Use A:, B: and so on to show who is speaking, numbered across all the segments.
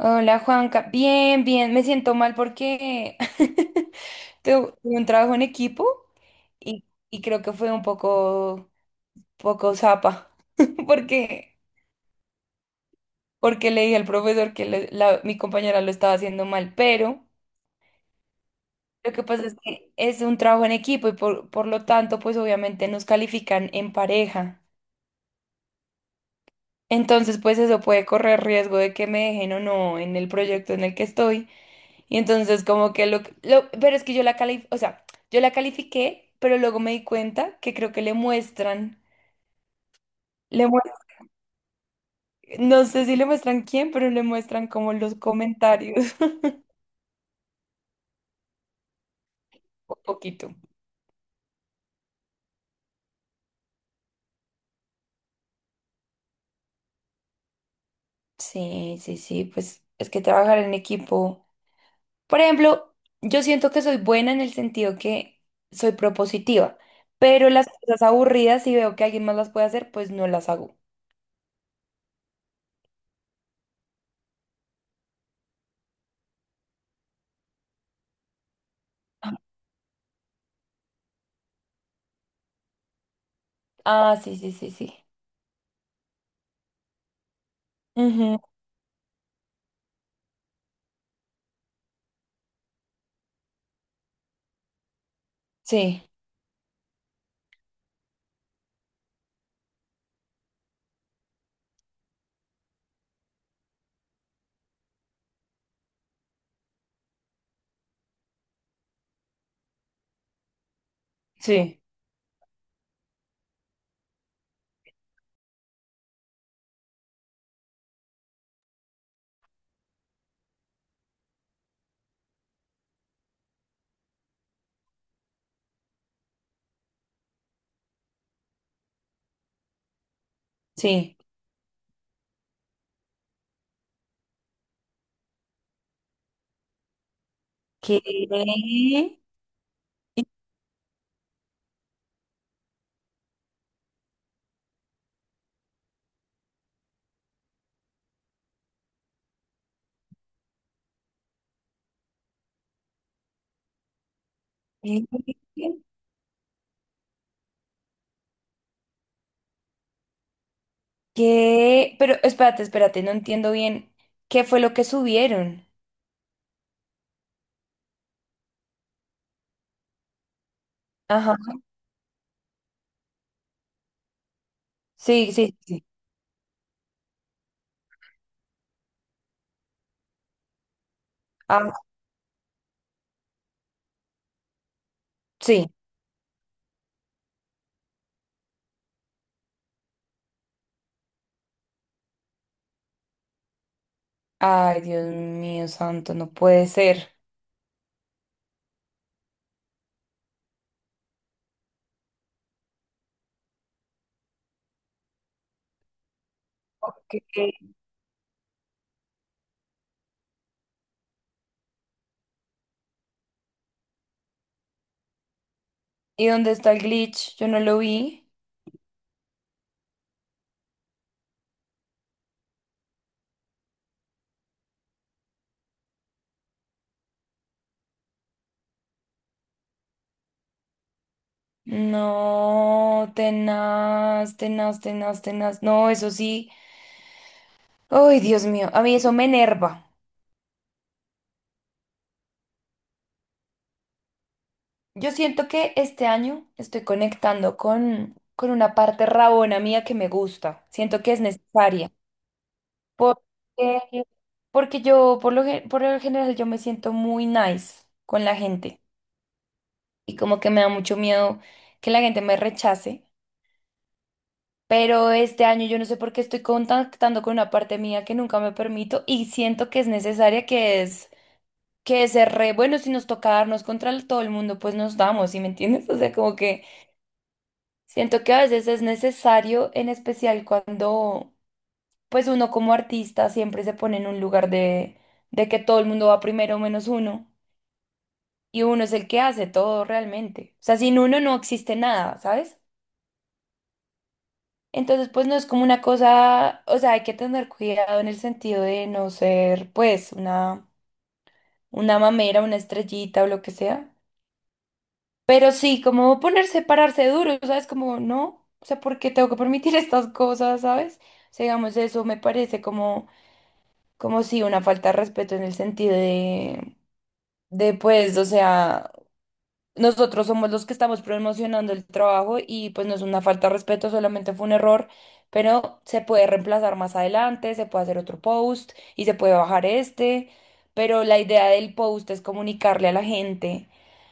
A: Hola Juanca, bien, bien, me siento mal porque tuve un trabajo en equipo y, y creo que fue un poco, poco zapa, porque, porque le dije al profesor que mi compañera lo estaba haciendo mal, pero lo que pasa es que es un trabajo en equipo y por lo tanto, pues obviamente nos califican en pareja. Entonces, pues eso puede correr riesgo de que me dejen o no en el proyecto en el que estoy. Y entonces como que pero es que yo la cali o sea, yo la califiqué, pero luego me di cuenta que creo que le muestran, le muest- no sé si le muestran quién, pero le muestran como los comentarios. Un poquito. Sí, sí, sí, pues es que trabajar en equipo. Por ejemplo, yo siento que soy buena en el sentido que soy propositiva, pero las cosas aburridas, si veo que alguien más las puede hacer, pues no las hago. Ah, sí, sí, sí, sí. Ujú, sí, sí, sí. ¿Qué? ¿Qué? ¿Qué? Pero espérate, no entiendo bien qué fue lo que subieron. Ajá. Sí, sí, sí. Ah, sí. Ay, Dios mío santo, no puede ser. Ok. ¿Y dónde está el glitch? Yo no lo vi. No, tenaz, tenaz, tenaz, tenaz. No, eso sí. Ay, Dios mío, a mí eso me enerva. Yo siento que este año estoy conectando con una parte rabona mía que me gusta. Siento que es necesaria. Porque, porque yo, por lo general, yo me siento muy nice con la gente. Y como que me da mucho miedo que la gente me rechace. Pero este año yo no sé por qué estoy contactando con una parte mía que nunca me permito. Y siento que es necesaria, que es ser re bueno. Si nos toca darnos contra todo el mundo, pues nos damos, ¿sí me entiendes? O sea, como que. Siento que a veces es necesario, en especial cuando pues uno como artista siempre se pone en un lugar de que todo el mundo va primero menos uno y uno es el que hace todo realmente. O sea, sin uno no existe nada, ¿sabes? Entonces pues no es como una cosa, o sea, hay que tener cuidado en el sentido de no ser pues una mamera, una estrellita o lo que sea. Pero sí, como ponerse, pararse duro, ¿sabes? Como, no, o sea, ¿por qué tengo que permitir estas cosas, ¿sabes? O sea, digamos, eso me parece como sí, una falta de respeto en el sentido de pues, o sea... Nosotros somos los que estamos promocionando el trabajo y pues no es una falta de respeto, solamente fue un error, pero se puede reemplazar más adelante, se puede hacer otro post y se puede bajar este, pero la idea del post es comunicarle a la gente.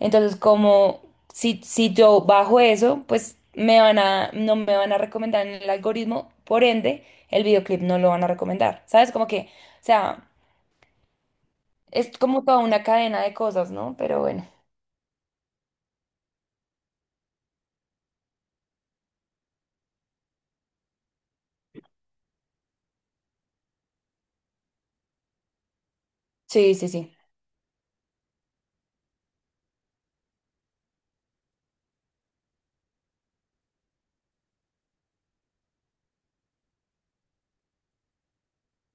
A: Entonces, como si yo bajo eso, pues no me van a recomendar en el algoritmo, por ende, el videoclip no lo van a recomendar. ¿Sabes? Como que, o sea, es como toda una cadena de cosas, ¿no? Pero bueno, sí, sí, sí,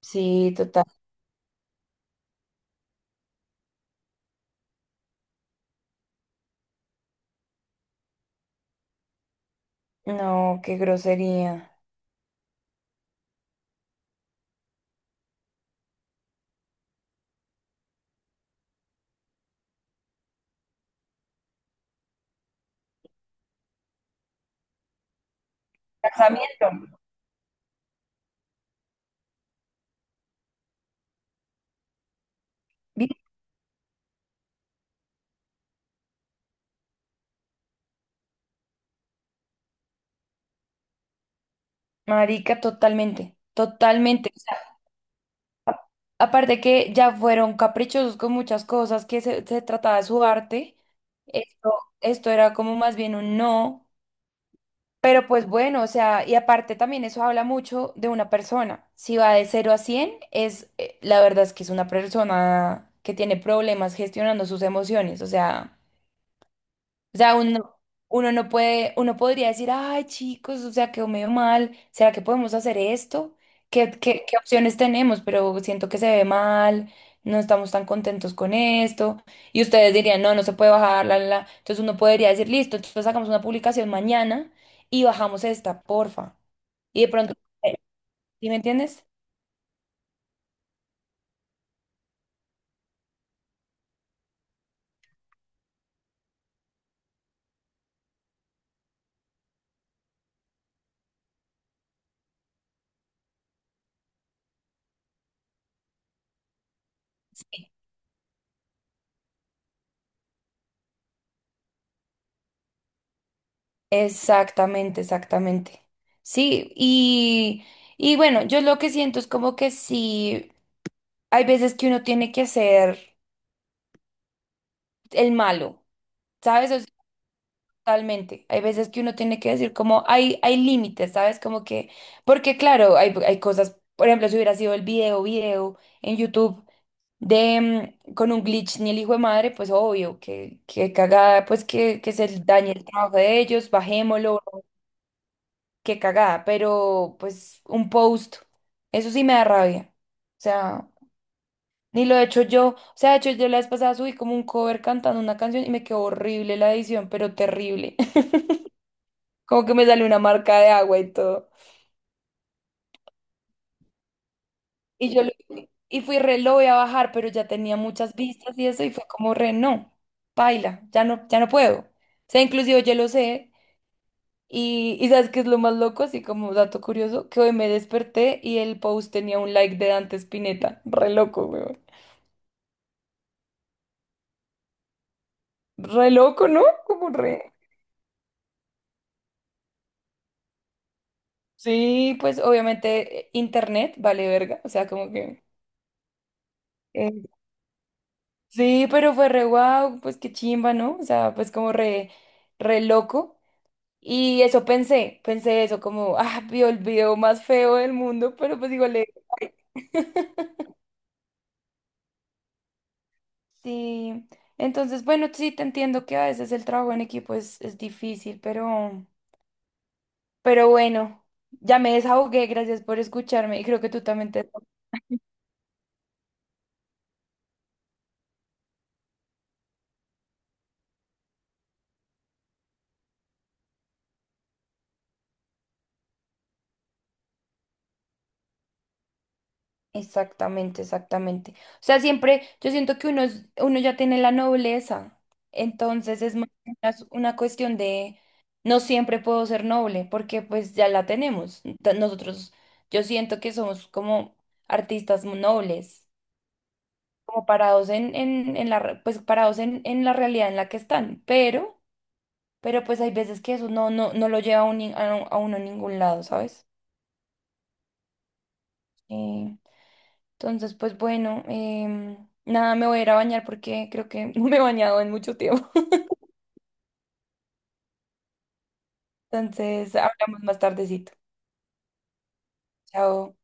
A: sí, total. No, qué grosería. Casamiento. Vi- Marica, totalmente, totalmente. O sea, a- aparte que ya fueron caprichosos con muchas cosas, que se trataba de su arte, esto, esto era como más bien un no, pero pues bueno, o sea, y aparte también eso habla mucho de una persona. Si va de cero a 100, es, la verdad es que es una persona que tiene problemas gestionando sus emociones, o sea... O sea, uno no puede, uno podría decir, ay, chicos, o sea, quedó medio mal, ¿será que podemos hacer esto? ¿Qué opciones tenemos? Pero siento que se ve mal, no estamos tan contentos con esto. Y ustedes dirían, no, no se puede bajar, la. Entonces uno podría decir, listo, entonces hagamos una publicación mañana y bajamos esta, porfa. Y de pronto, ¿sí me entiendes? Exactamente, exactamente. Sí, y bueno, yo lo que siento es como que sí. Hay veces que uno tiene que ser el malo, ¿sabes? O sea, totalmente. Hay veces que uno tiene que decir como hay límites, ¿sabes? Como que, porque claro, hay cosas, por ejemplo, si hubiera sido el video en YouTube de mm, con un glitch ni el hijo de madre, pues obvio, que cagada, pues que se dañe el trabajo de ellos, bajémoslo, que cagada, pero pues un post, eso sí me da rabia. O sea. Ni lo he hecho yo. O sea, de hecho, yo la vez pasada subí como un cover cantando una canción y me quedó horrible la edición, pero terrible. Como que me salió una marca de agua y todo. Y yo lo- y fui re, lo voy a bajar, pero ya tenía muchas vistas y eso, y fue como re, no, paila, ya no, ya no puedo. O sea, inclusive yo lo sé. Y ¿sabes qué es lo más loco? Así como dato curioso, que hoy me desperté y el post tenía un like de Dante Spinetta. Re loco, weón. Re loco, ¿no? Como re. Sí, pues obviamente internet vale verga, o sea, como que... eh, sí, pero fue re guau, pues qué chimba, ¿no? O sea, pues como re, re loco. Y eso pensé, pensé eso, como, ah, vio el video más feo del mundo, pero pues digo, le... Sí, entonces, bueno, sí, te entiendo que a veces el trabajo en equipo es difícil, pero bueno, ya me desahogué, gracias por escucharme y creo que tú también te... Exactamente, exactamente. O sea, siempre yo siento que uno ya tiene la nobleza, entonces es más una cuestión de no siempre puedo ser noble porque pues ya la tenemos. Yo siento que somos como nobles, como parados en la, pues parados en la realidad en la que están, pero pues hay veces que eso no lo lleva a, un, ni- a uno a ningún lado, ¿sabes? Eh, Entonces, pues bueno, em, nada, me voy a ir a bañar porque creo que no me he bañado en mucho tiempo. Entonces, hablamos más tardecito. Chao.